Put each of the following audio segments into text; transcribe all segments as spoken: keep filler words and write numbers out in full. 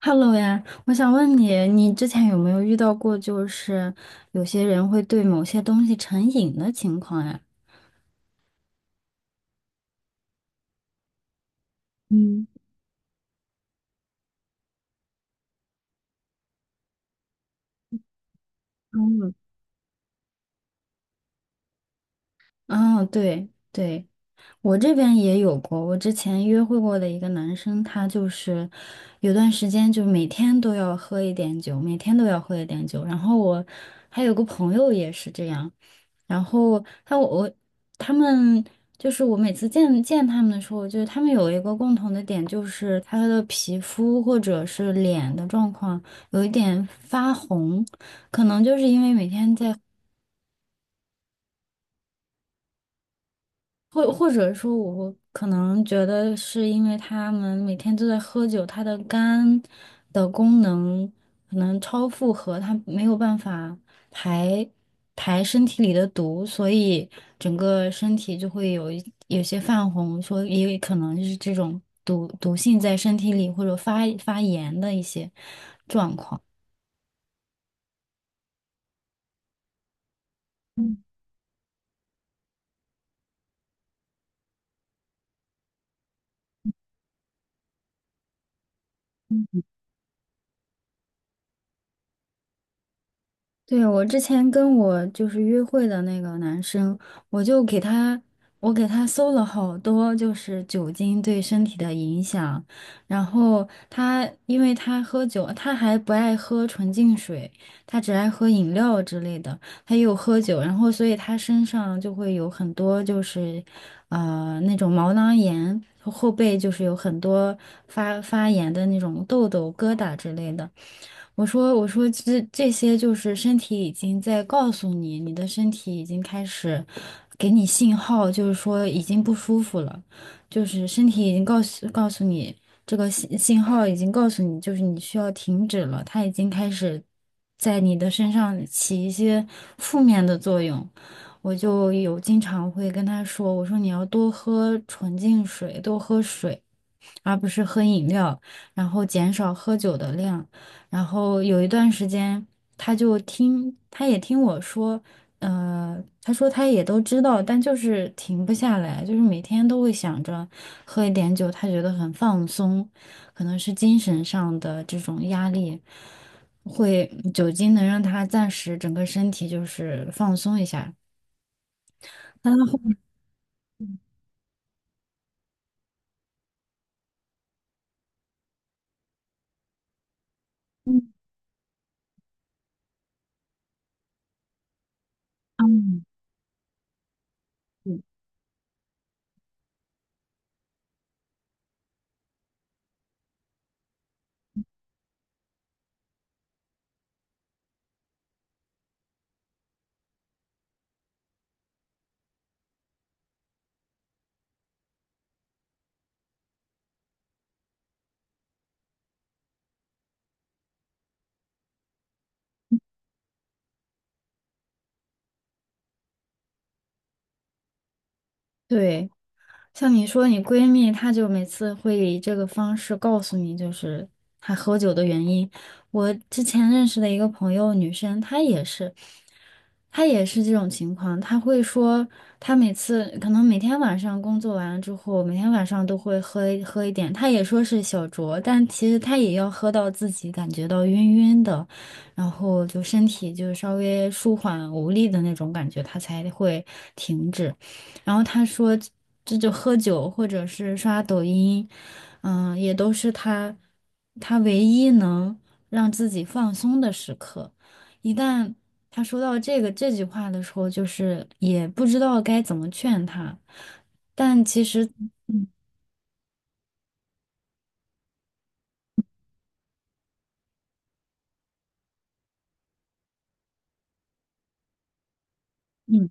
Hello 呀，我想问你，你之前有没有遇到过，就是有些人会对某些东西成瘾的情况呀？嗯，嗯，嗯，对对，我这边也有过。我之前约会过的一个男生，他就是有段时间就每天都要喝一点酒，每天都要喝一点酒。然后我还有个朋友也是这样，然后他我我他们，就是我每次见见他们的时候，就是他们有一个共同的点，就是他的皮肤或者是脸的状况有一点发红，可能就是因为每天在。或或者说，我可能觉得是因为他们每天都在喝酒，他的肝的功能可能超负荷，他没有办法排排身体里的毒，所以整个身体就会有一有些泛红，说也有可能是这种毒毒性在身体里，或者发发炎的一些状况。对，我之前跟我就是约会的那个男生，我就给他，我给他搜了好多，就是酒精对身体的影响。然后他，因为他喝酒，他还不爱喝纯净水，他只爱喝饮料之类的。他又喝酒，然后所以他身上就会有很多就是，呃，那种毛囊炎，后背就是有很多发发炎的那种痘痘、疙瘩之类的。我说我说这这些就是身体已经在告诉你，你的身体已经开始给你信号，就是说已经不舒服了，就是身体已经告诉告诉你，这个信信号已经告诉你，就是你需要停止了，它已经开始在你的身上起一些负面的作用。我就有经常会跟他说，我说你要多喝纯净水，多喝水，而不是喝饮料，然后减少喝酒的量。然后有一段时间，他就听，他也听我说，呃，他说他也都知道，但就是停不下来，就是每天都会想着喝一点酒，他觉得很放松，可能是精神上的这种压力，会酒精能让他暂时整个身体就是放松一下。但他后，嗯，对，像你说你闺蜜，她就每次会以这个方式告诉你，就是她喝酒的原因。我之前认识的一个朋友，女生，她也是，她也是这种情况。她会说，她每次可能每天晚上工作完了之后，每天晚上都会喝一喝一点。她也说是小酌，但其实她也要喝到自己感觉到晕晕的，然后就身体就稍微舒缓无力的那种感觉，她才会停止。然后他说，这就喝酒或者是刷抖音，嗯，也都是他他唯一能让自己放松的时刻。一旦他说到这个这句话的时候，就是也不知道该怎么劝他。但其实，嗯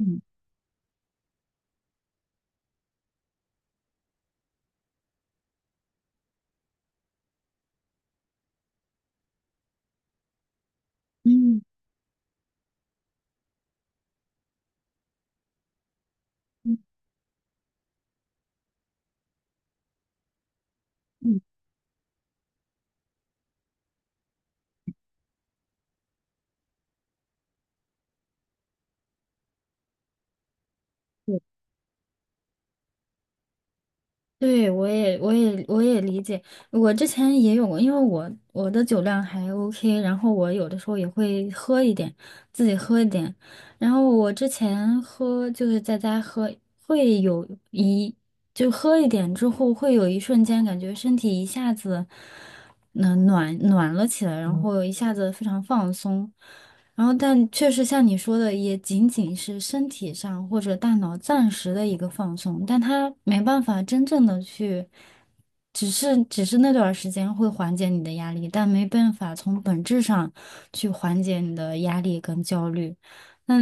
嗯嗯嗯嗯，对，我也，我也，我也理解。我之前也有过，因为我我的酒量还 OK，然后我有的时候也会喝一点，自己喝一点。然后我之前喝就是在家喝，会有一就喝一点之后，会有一瞬间感觉身体一下子，嗯、暖暖了起来，然嗯后一下子非常放松。然后，但确实像你说的，也仅仅是身体上或者大脑暂时的一个放松，但它没办法真正的去，只是只是那段儿时间会缓解你的压力，但没办法从本质上去缓解你的压力跟焦虑。那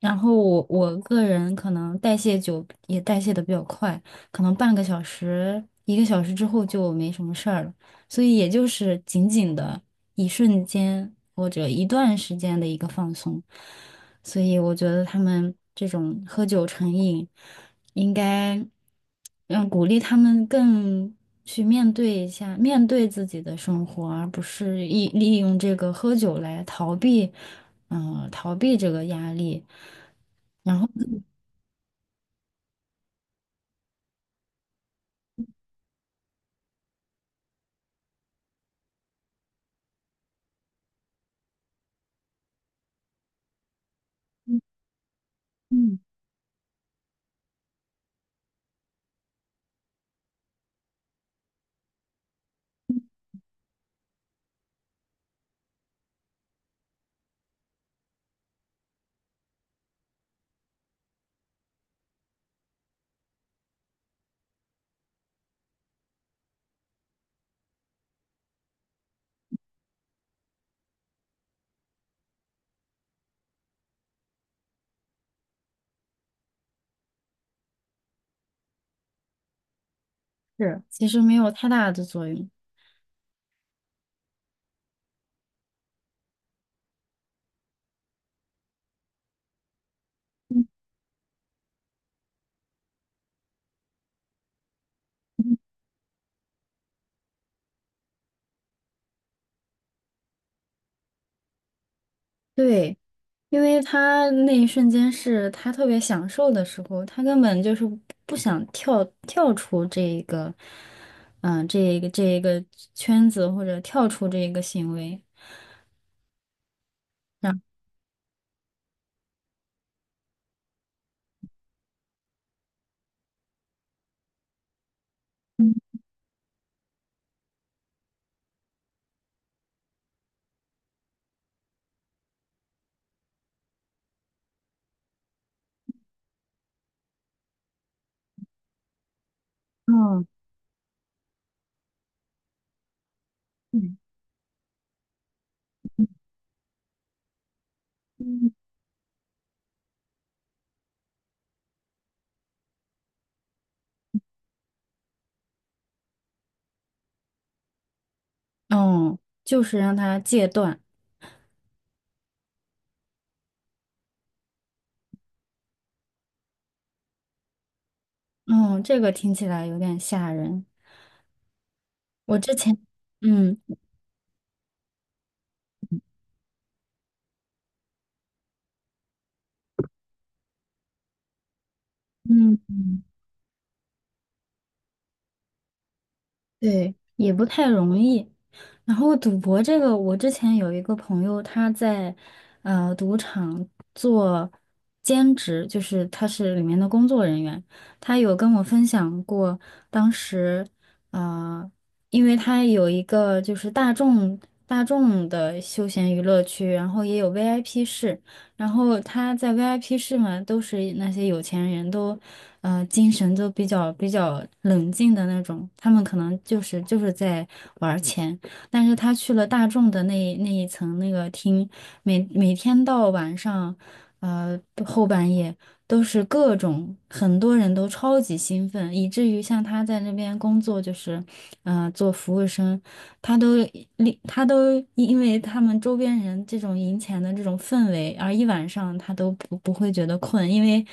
然后我我个人可能代谢久也代谢的比较快，可能半个小时、一个小时之后就没什么事儿了。所以也就是仅仅的一瞬间或者一段时间的一个放松。所以我觉得他们这种喝酒成瘾，应该嗯鼓励他们更去面对一下，面对自己的生活，而不是利利用这个喝酒来逃避，嗯、逃避这个压力。然后，嗯，是，其实没有太大的作用。对，因为他那一瞬间是他特别享受的时候，他根本就是不想跳跳出这一个，嗯、这一个这一个圈子或者跳出这一个行为。然后，嗯嗯，嗯就是让他戒断，嗯，这个听起来有点吓人。我之前，嗯嗯。对，也不太容易。然后赌博这个，我之前有一个朋友，他在呃赌场做兼职，就是他是里面的工作人员。他有跟我分享过，当时呃，因为他有一个就是大众大众的休闲娱乐区，然后也有 V I P 室，然后他在 V I P 室嘛，都是那些有钱人都，呃，精神都比较比较冷静的那种，他们可能就是就是在玩儿钱。但是他去了大众的那一那一层那个厅，每每天到晚上，呃，后半夜都是各种，很多人都超级兴奋，以至于像他在那边工作，就是，呃，做服务生。他都立他都因为他们周边人这种赢钱的这种氛围，而一晚上他都不不会觉得困，因为，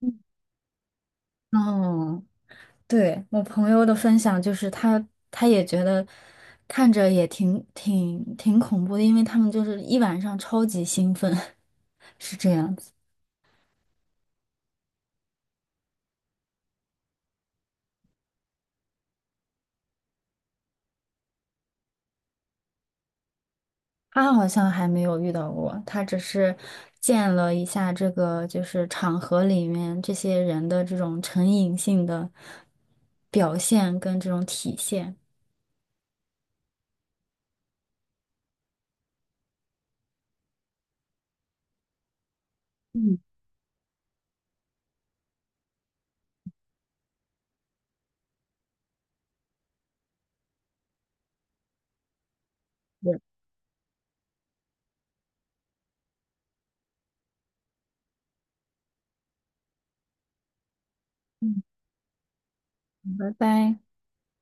嗯嗯，对，我朋友的分享就是他他也觉得看着也挺挺挺恐怖的，因为他们就是一晚上超级兴奋，是这样子。他好像还没有遇到过，他只是见了一下这个，就是场合里面这些人的这种成瘾性的表现跟这种体现。嗯嗯，拜拜。